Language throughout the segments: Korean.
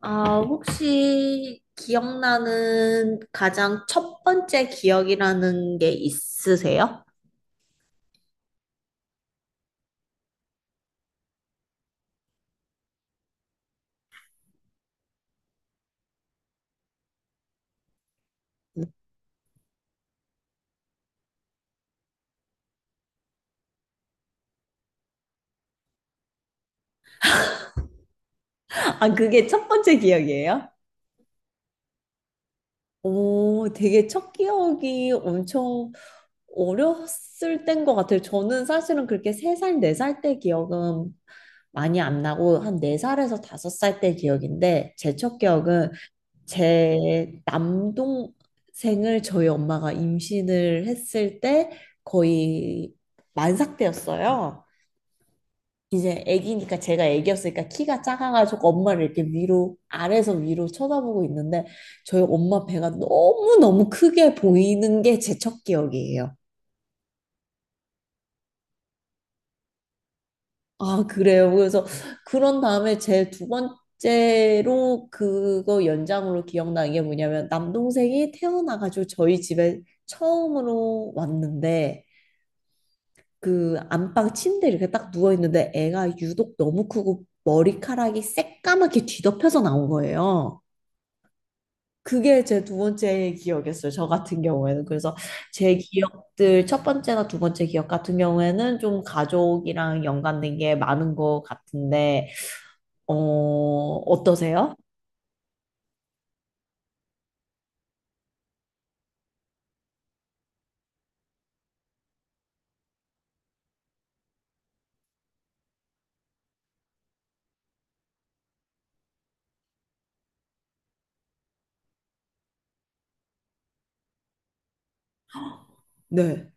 아, 혹시 기억나는 가장 첫 번째 기억이라는 게 있으세요? 음. 아, 그게 첫 번째 기억이에요? 오, 되게 첫 기억이 엄청 어렸을 때인 것 같아요. 저는 사실은 그렇게 세살네 살네 살 때 기억은 많이 안 나고, 한 네살에서 다섯 살 때 기억인데, 제 첫 기억은 제 남동생을 저희 엄마가 임신을 했을 때 거의 만삭 때였어요. 이제 애기니까 제가 애기였으니까 키가 작아가지고 엄마를 이렇게 위로 아래에서 위로 쳐다보고 있는데 저희 엄마 배가 너무너무 크게 보이는 게 제 첫 기억이에요. 아, 그래요. 그래서 그런 다음에 제 두 번째로 그거 연장으로 기억나는 게 뭐냐면 남동생이 태어나가지고 저희 집에 처음으로 왔는데 그 안방 침대 이렇게 딱 누워 있는데 애가 유독 너무 크고 머리카락이 새까맣게 뒤덮여서 나온 거예요. 그게 제 두 번째 기억이었어요. 저 같은 경우에는. 그래서 제 기억들, 첫 번째나 두 번째 기억 같은 경우에는 좀 가족이랑 연관된 게 많은 것 같은데, 어, 어떠세요? 네,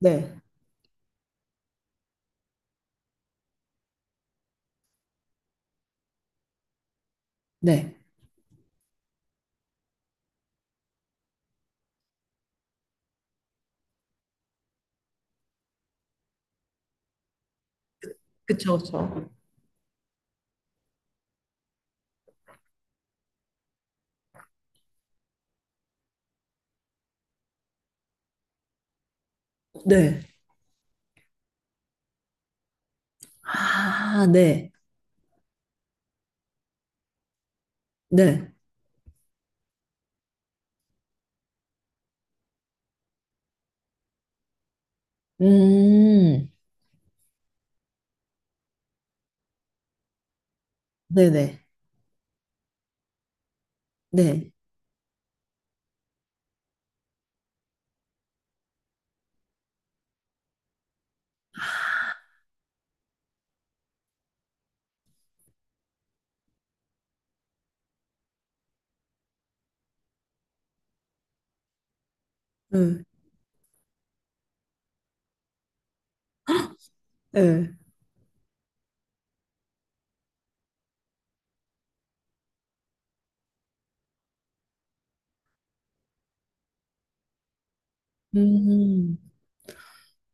네, 네. 그쵸, 그쵸. 네. 아, 네, 네. 음, 네네, 네. 응, 네. 음.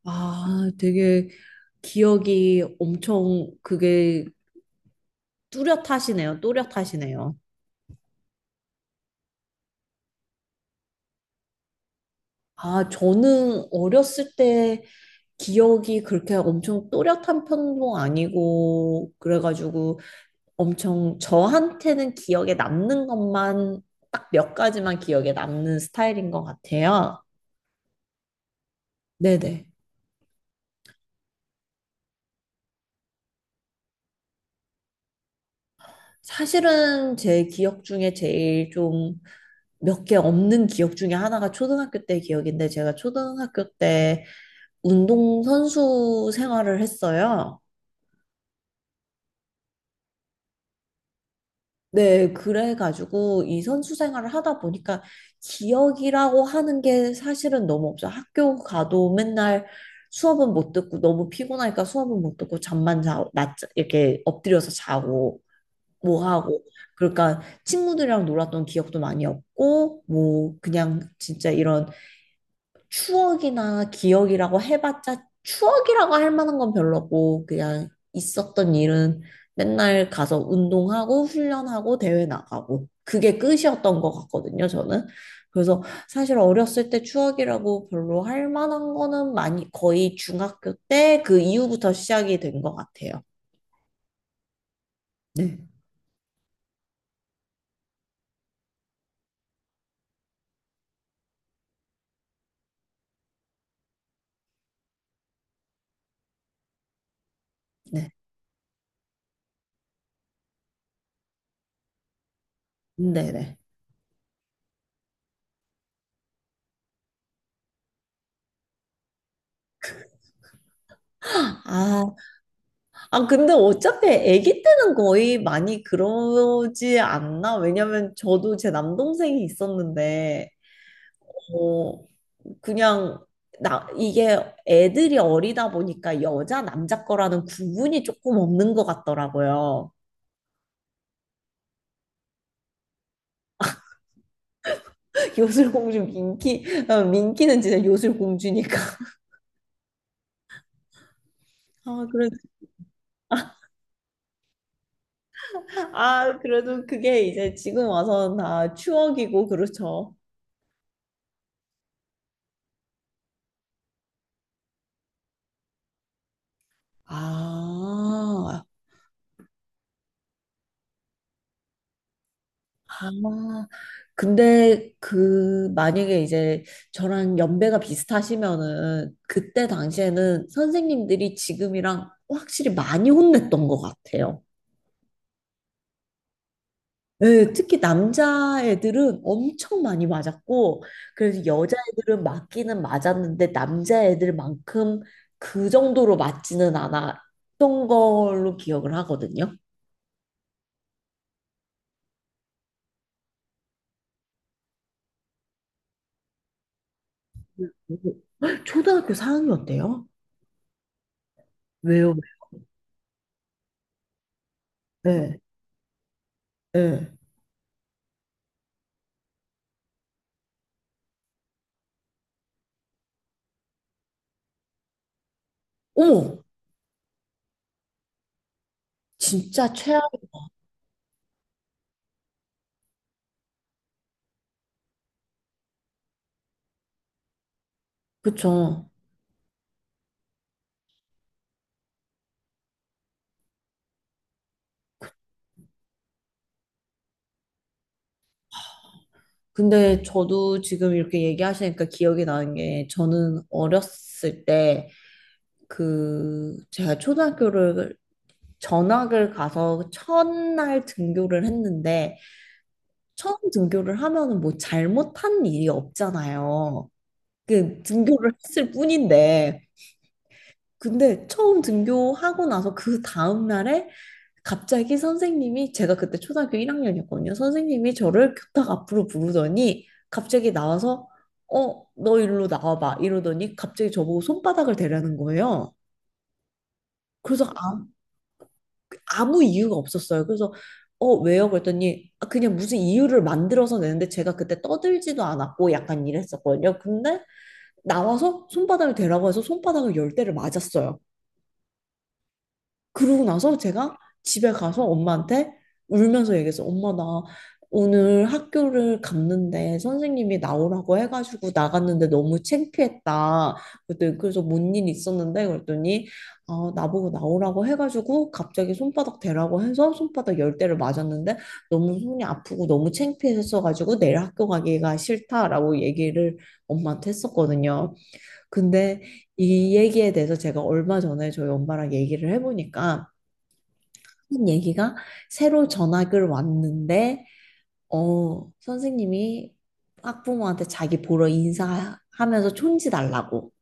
아, 되게 기억이 엄청 그게 뚜렷하시네요. 또렷하시네요. 아, 저는 어렸을 때 기억이 그렇게 엄청 또렷한 편도 아니고, 그래가지고 엄청 저한테는 기억에 남는 것만 딱 몇 가지만 기억에 남는 스타일인 것 같아요. 네네. 사실은 제 기억 중에 제일 좀 몇 개 없는 기억 중에 하나가 초등학교 때 기억인데, 제가 초등학교 때 운동선수 생활을 했어요. 네, 그래가지고 이 선수 생활을 하다 보니까 기억이라고 하는 게 사실은 너무 없어. 학교 가도 맨날 수업은 못 듣고 잠만 자고 낮 이렇게 엎드려서 자고 뭐 하고 그러니까 친구들이랑 놀았던 기억도 많이 없고 뭐 그냥 진짜 이런 추억이나 기억이라고 해봤자 추억이라고 할 만한 건 별로고 그냥 있었던 일은 맨날 가서 운동하고 훈련하고 대회 나가고 그게 끝이었던 것 같거든요, 저는. 그래서 사실 어렸을 때 추억이라고 별로 할 만한 거는 많이 거의 중학교 때 그 이후부터 시작이 된 것 같아요. 네, 네, 네, 네. 아, 아, 근데 어차피 아기 때는 거의 많이 그러지 않나? 왜냐면 저도 제 남동생이 있었는데, 어, 그냥, 나, 이게 애들이 어리다 보니까 여자, 남자 거라는 구분이 조금 없는 것 같더라고요. 요술공주 민키, 어, 민키는 진짜 요술공주니까. 아, 그래, 아, 그래도 그게 이제 지금 와서 다 추억이고, 그렇죠. 아, 아, 근데 그 만약에 이제 저랑 연배가 비슷하시면은 그때 당시에는 선생님들이 지금이랑 확실히 많이 혼냈던 것 같아요. 네, 특히 남자애들은 엄청 많이 맞았고, 그래서 여자애들은 맞기는 맞았는데 남자애들만큼 그 정도로 맞지는 않았던 걸로 기억을 하거든요. 초등학교 사학년 때요? 왜요? 네, 네. 어머, 진짜. 그쵸. 근데 저도 지금 이렇게 얘기하시니까 기억이 나는 게, 저는 어렸을 때 그 제가 초등학교를 전학을 가서 첫날 등교를 했는데 처음 등교를 하면은 뭐 잘못한 일이 없잖아요. 그 등교를 했을 뿐인데 근데 처음 등교하고 나서 그 다음 날에 갑자기 선생님이, 제가 그때 초등학교 1학년이었거든요. 선생님이 저를 교탁 앞으로 부르더니 갑자기 나와서 어, 너 일로 나와봐 이러더니 갑자기 저보고 손바닥을 대라는 거예요. 그래서 아, 아무 이유가 없었어요. 그래서 어, 왜요? 그랬더니 아, 그냥 무슨 이유를 만들어서 내는데 제가 그때 떠들지도 않았고 약간 이랬었거든요. 근데 나와서 손바닥을 대라고 해서 손바닥을 열 대를 맞았어요. 그러고 나서 제가 집에 가서 엄마한테 울면서 얘기했어. 엄마, 나 오늘 학교를 갔는데 선생님이 나오라고 해가지고 나갔는데 너무 창피했다. 그랬더니 그래서 뭔 일 있었는데 그랬더니 아, 나보고 나오라고 해가지고 갑자기 손바닥 대라고 해서 손바닥 열 대를 맞았는데 너무 손이 아프고 너무 창피했어가지고 내일 학교 가기가 싫다라고 얘기를 엄마한테 했었거든요. 근데 이 얘기에 대해서 제가 얼마 전에 저희 엄마랑 얘기를 해보니까 한 얘기가 새로 전학을 왔는데, 어, 선생님이 학부모한테 자기 보러 인사하면서 촌지 달라고.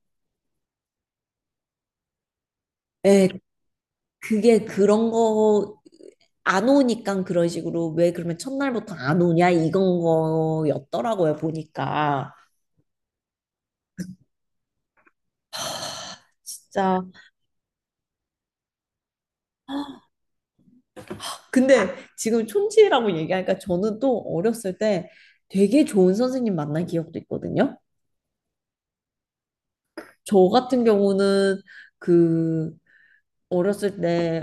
예, 그게 그런 거 안 오니까 그런 식으로, 왜 그러면 첫날부터 안 오냐 이건 거였더라고요, 보니까. 진짜. 근데 지금 촌지라고 얘기하니까 저는 또 어렸을 때 되게 좋은 선생님 만난 기억도 있거든요. 저 같은 경우는 그 어렸을 때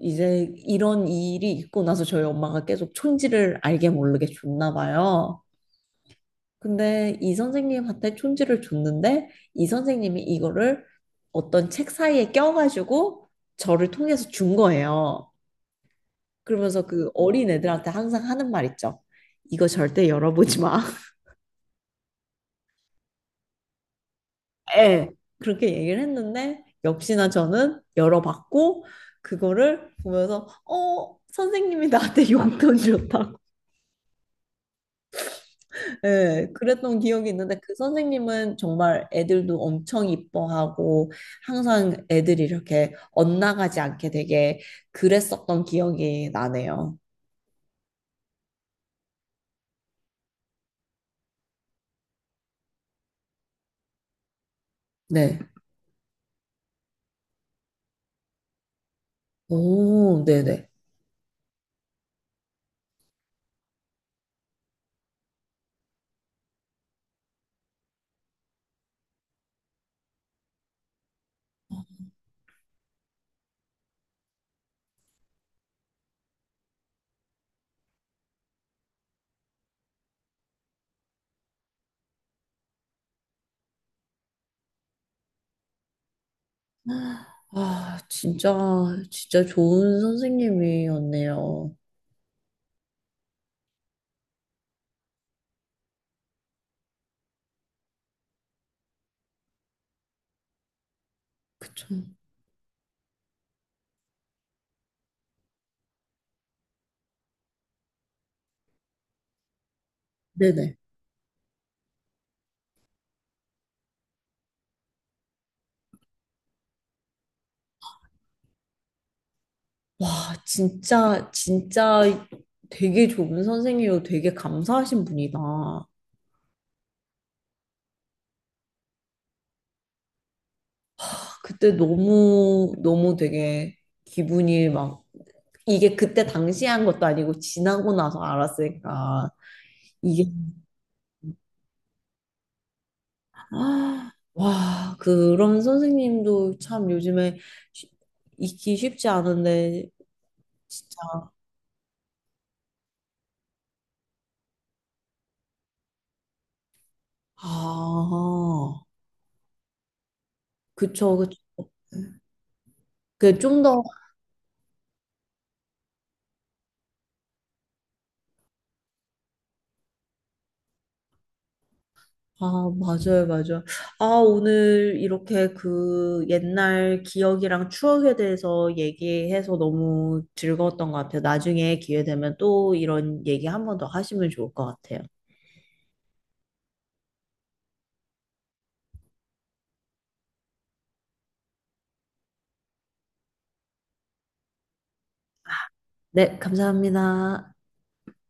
이제 이런 일이 있고 나서 저희 엄마가 계속 촌지를 알게 모르게 줬나 봐요. 근데 이 선생님한테 촌지를 줬는데 이 선생님이 이거를 어떤 책 사이에 껴가지고 저를 통해서 준 거예요. 그러면서 그 어린 애들한테 항상 하는 말 있죠. 이거 절대 열어보지 마. 예. 그렇게 얘기를 했는데 역시나 저는 열어봤고 그거를 보면서 어 선생님이 나한테 용돈 줬다. 예, 그랬던 기억이 있는데 그 선생님은 정말 애들도 엄청 이뻐하고 항상 애들이 이렇게 엇나가지 않게 되게 그랬었던 기억이 나네요. 네. 오, 네네. 아, 진짜, 진짜 좋은 선생님이었네요. 그쵸. 네네. 와, 진짜, 진짜 되게 좋은 선생님이고 되게 감사하신 분이다. 아, 그때 너무, 너무 되게 기분이 막 이게 그때 당시에 한 것도 아니고 지나고 나서 알았으니까 이게 아, 와 그런 선생님도 참 요즘에 쉽- 있기 쉽지 않은데 진짜. 아 그쵸 그쵸 그좀더 아, 맞아요, 맞아요. 아, 오늘 이렇게 그 옛날 기억이랑 추억에 대해서 얘기해서 너무 즐거웠던 것 같아요. 나중에 기회 되면 또 이런 얘기 한 번 더 하시면 좋을 것 같아요. 네, 감사합니다.